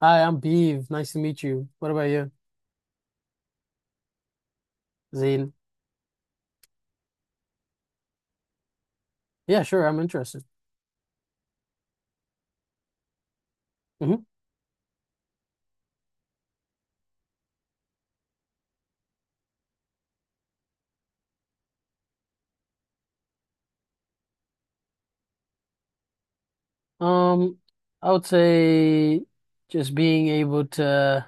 Hi, I'm Beav. Nice to meet you. What about you, Zain? Yeah, sure. I'm interested. Hmm Um, I would say just being able to,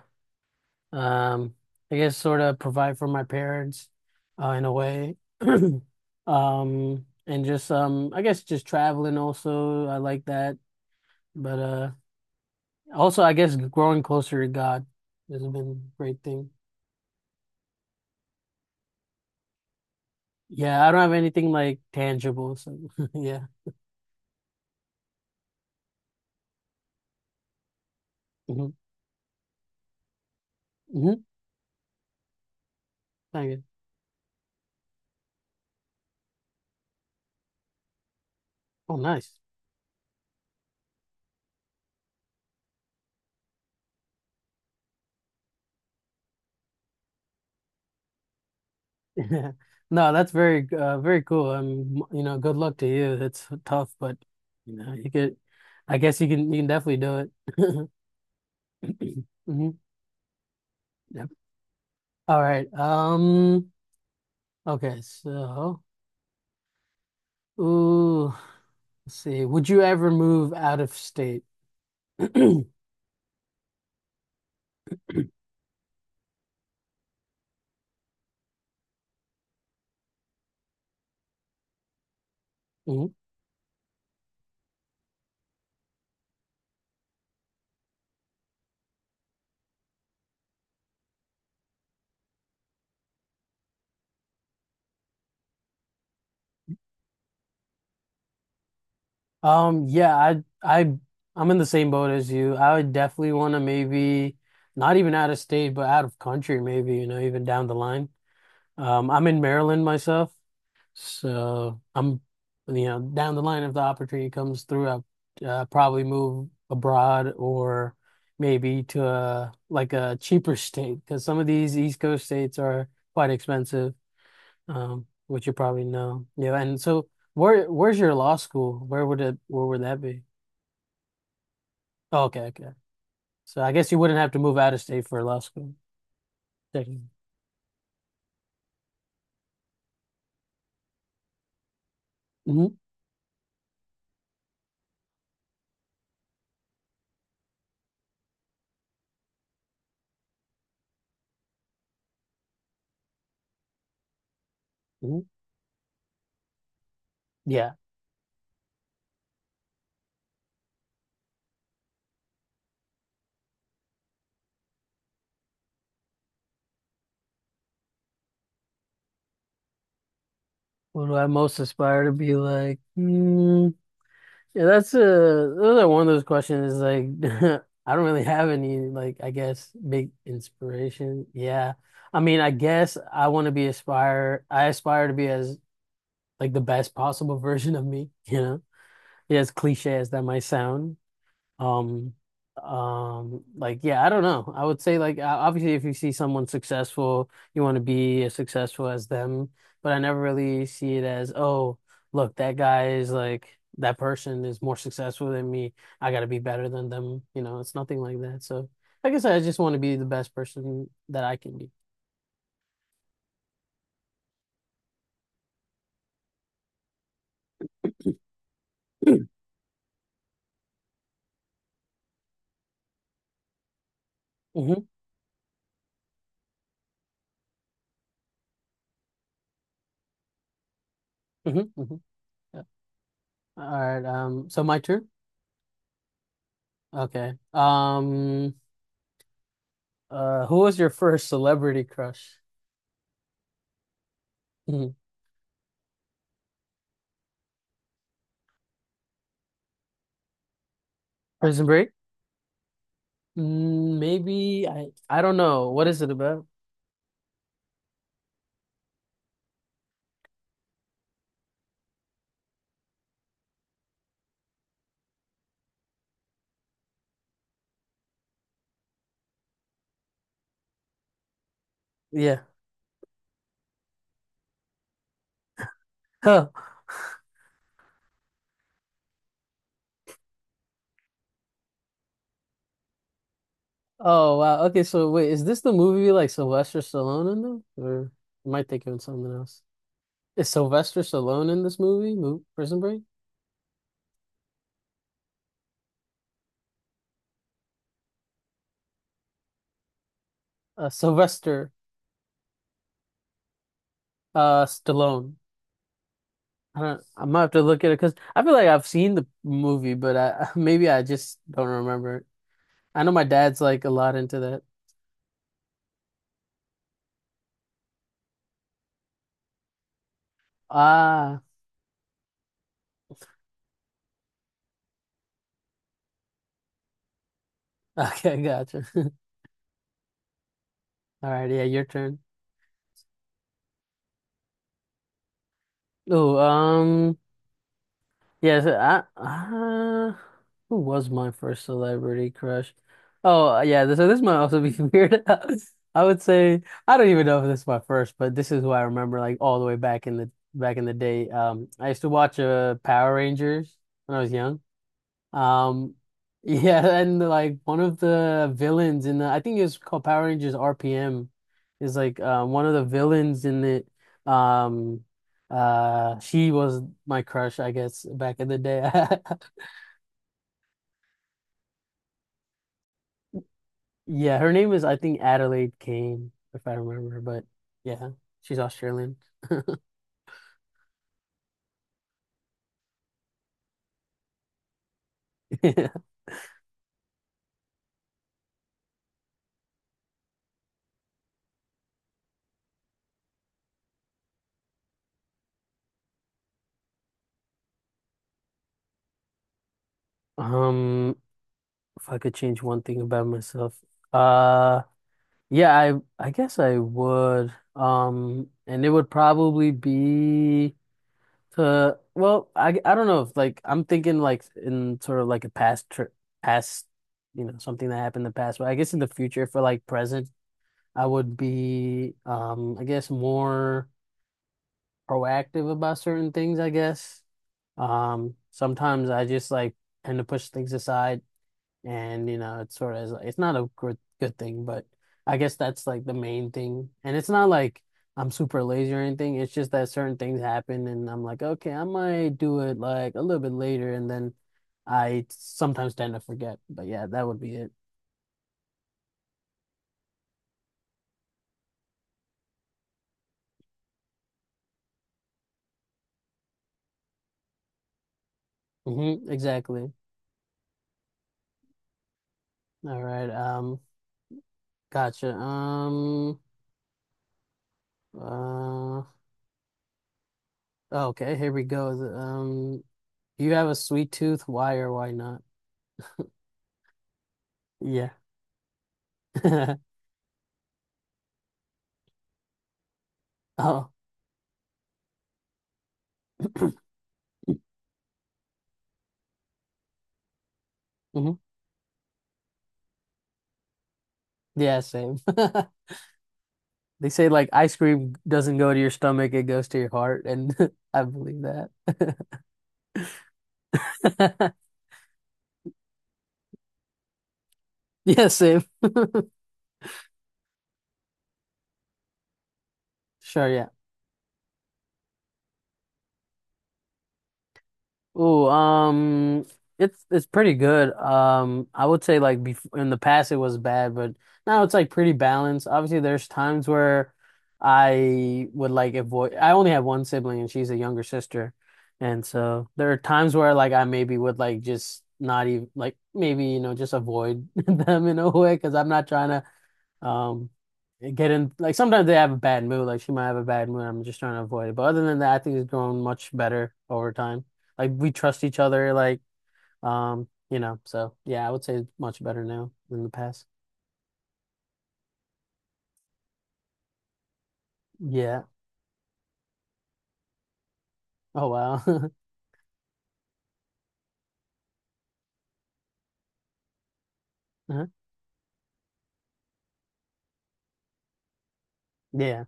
um, I guess, sort of provide for my parents, in a way. And just, I guess, just traveling also. I like that. But also, I guess, growing closer to God has been a great thing. Yeah, I don't have anything like tangible. So yeah. hmm hmm Thank you. Oh, nice. No, that's very cool. You know, good luck to you. It's tough, but you know, you could I guess you can definitely do it. hmm Yep. All right. Okay, so ooh, let's see. Would you ever move out of state? Mhm. Yeah, I I'm in the same boat as you. I would definitely want to maybe not even out of state, but out of country maybe, you know, even down the line. I'm in Maryland myself, so I'm, you know, down the line if the opportunity comes through, I'll probably move abroad or maybe to a like a cheaper state because some of these East Coast states are quite expensive, which you probably know. Yeah, and so where's your law school? Where would it where would that be? Oh, okay. So I guess you wouldn't have to move out of state for law school. Technically. Mhm, mhm. Yeah. What do I most aspire to be like? Hmm. Yeah, that's another one of those questions is like I don't really have any like I guess big inspiration. Yeah. I mean, I guess I want to be aspire I aspire to be as like the best possible version of me, you know? Yeah, as cliche as that might sound. Um, like yeah, I don't know. I would say like obviously if you see someone successful, you want to be as successful as them, but I never really see it as, oh, look, that person is more successful than me. I gotta be better than them. You know, it's nothing like that. So like I said, I just want to be the best person that I can be. hmm hmm hmm Yeah. All right. So my turn. Okay. Who was your first celebrity crush? Prison Break? Mm, maybe I don't know. What is it about? Yeah. Huh. Oh wow. Okay, so wait, is this the movie like Sylvester Stallone in them? Or am I thinking of something else? Is Sylvester Stallone in this movie? Mo Prison Break? Sylvester Stallone. I don't, I might have to look at it because I feel like I've seen the movie, but I maybe I just don't remember it. I know my dad's like a lot into that. Ah, okay, gotcha. All right, yeah, your turn. Oh. Yes, who was my first celebrity crush? Oh, yeah, so this might also be weird. I would say I don't even know if this is my first, but this is who I remember like all the way back in the day. I used to watch Power Rangers when I was young. Um, yeah, and like one of the villains in the I think it's called Power Rangers RPM is like one of the villains in it. Um, she was my crush, I guess, back in the day. Yeah, her name is I think Adelaide Kane, if I remember, but yeah, she's Australian. Yeah. Um, if I could change one thing about myself, uh, yeah, I guess I would. And it would probably be. To well, I don't know if like I'm thinking like in sort of like a past trip, past you know something that happened in the past. But I guess in the future for like present, I would be I guess more proactive about certain things. I guess sometimes I just like tend to push things aside and you know it's sort of it's not a good thing but I guess that's like the main thing and it's not like I'm super lazy or anything it's just that certain things happen and I'm like okay I might do it like a little bit later and then I sometimes tend to forget but yeah that would be it. Hmm exactly. All right, um, gotcha, uh okay, here we go. Do you have a sweet tooth, why or why not? Yeah. Oh. Yeah, same. They say like ice cream doesn't go to your stomach, it goes to your heart, and I believe that. Yeah, same. Sure, yeah. Ooh, it's pretty good. I would say like before in the past it was bad, but now it's like pretty balanced. Obviously, there's times where I would like avoid. I only have one sibling, and she's a younger sister, and so there are times where like I maybe would like just not even like maybe you know just avoid them in a way because I'm not trying to um, get in like sometimes they have a bad mood. Like she might have a bad mood. I'm just trying to avoid it. But other than that, I think it's grown much better over time. Like we trust each other. Like you know. So yeah, I would say it's much better now than the past. Yeah. Oh wow. Uh-huh. Yeah.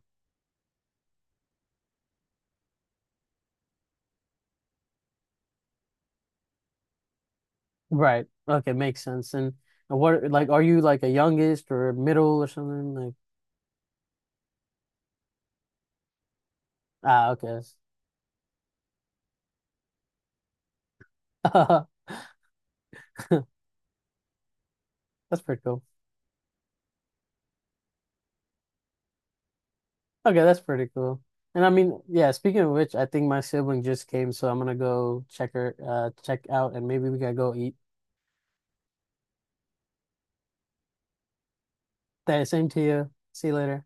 Right. Okay. Makes sense. And what like are you like a youngest or middle or something like? Ah, okay. That's pretty cool. Okay, that's pretty cool. And I mean, yeah, speaking of which, I think my sibling just came, so I'm gonna go check her, check out, and maybe we gotta go eat. That same to you. See you later.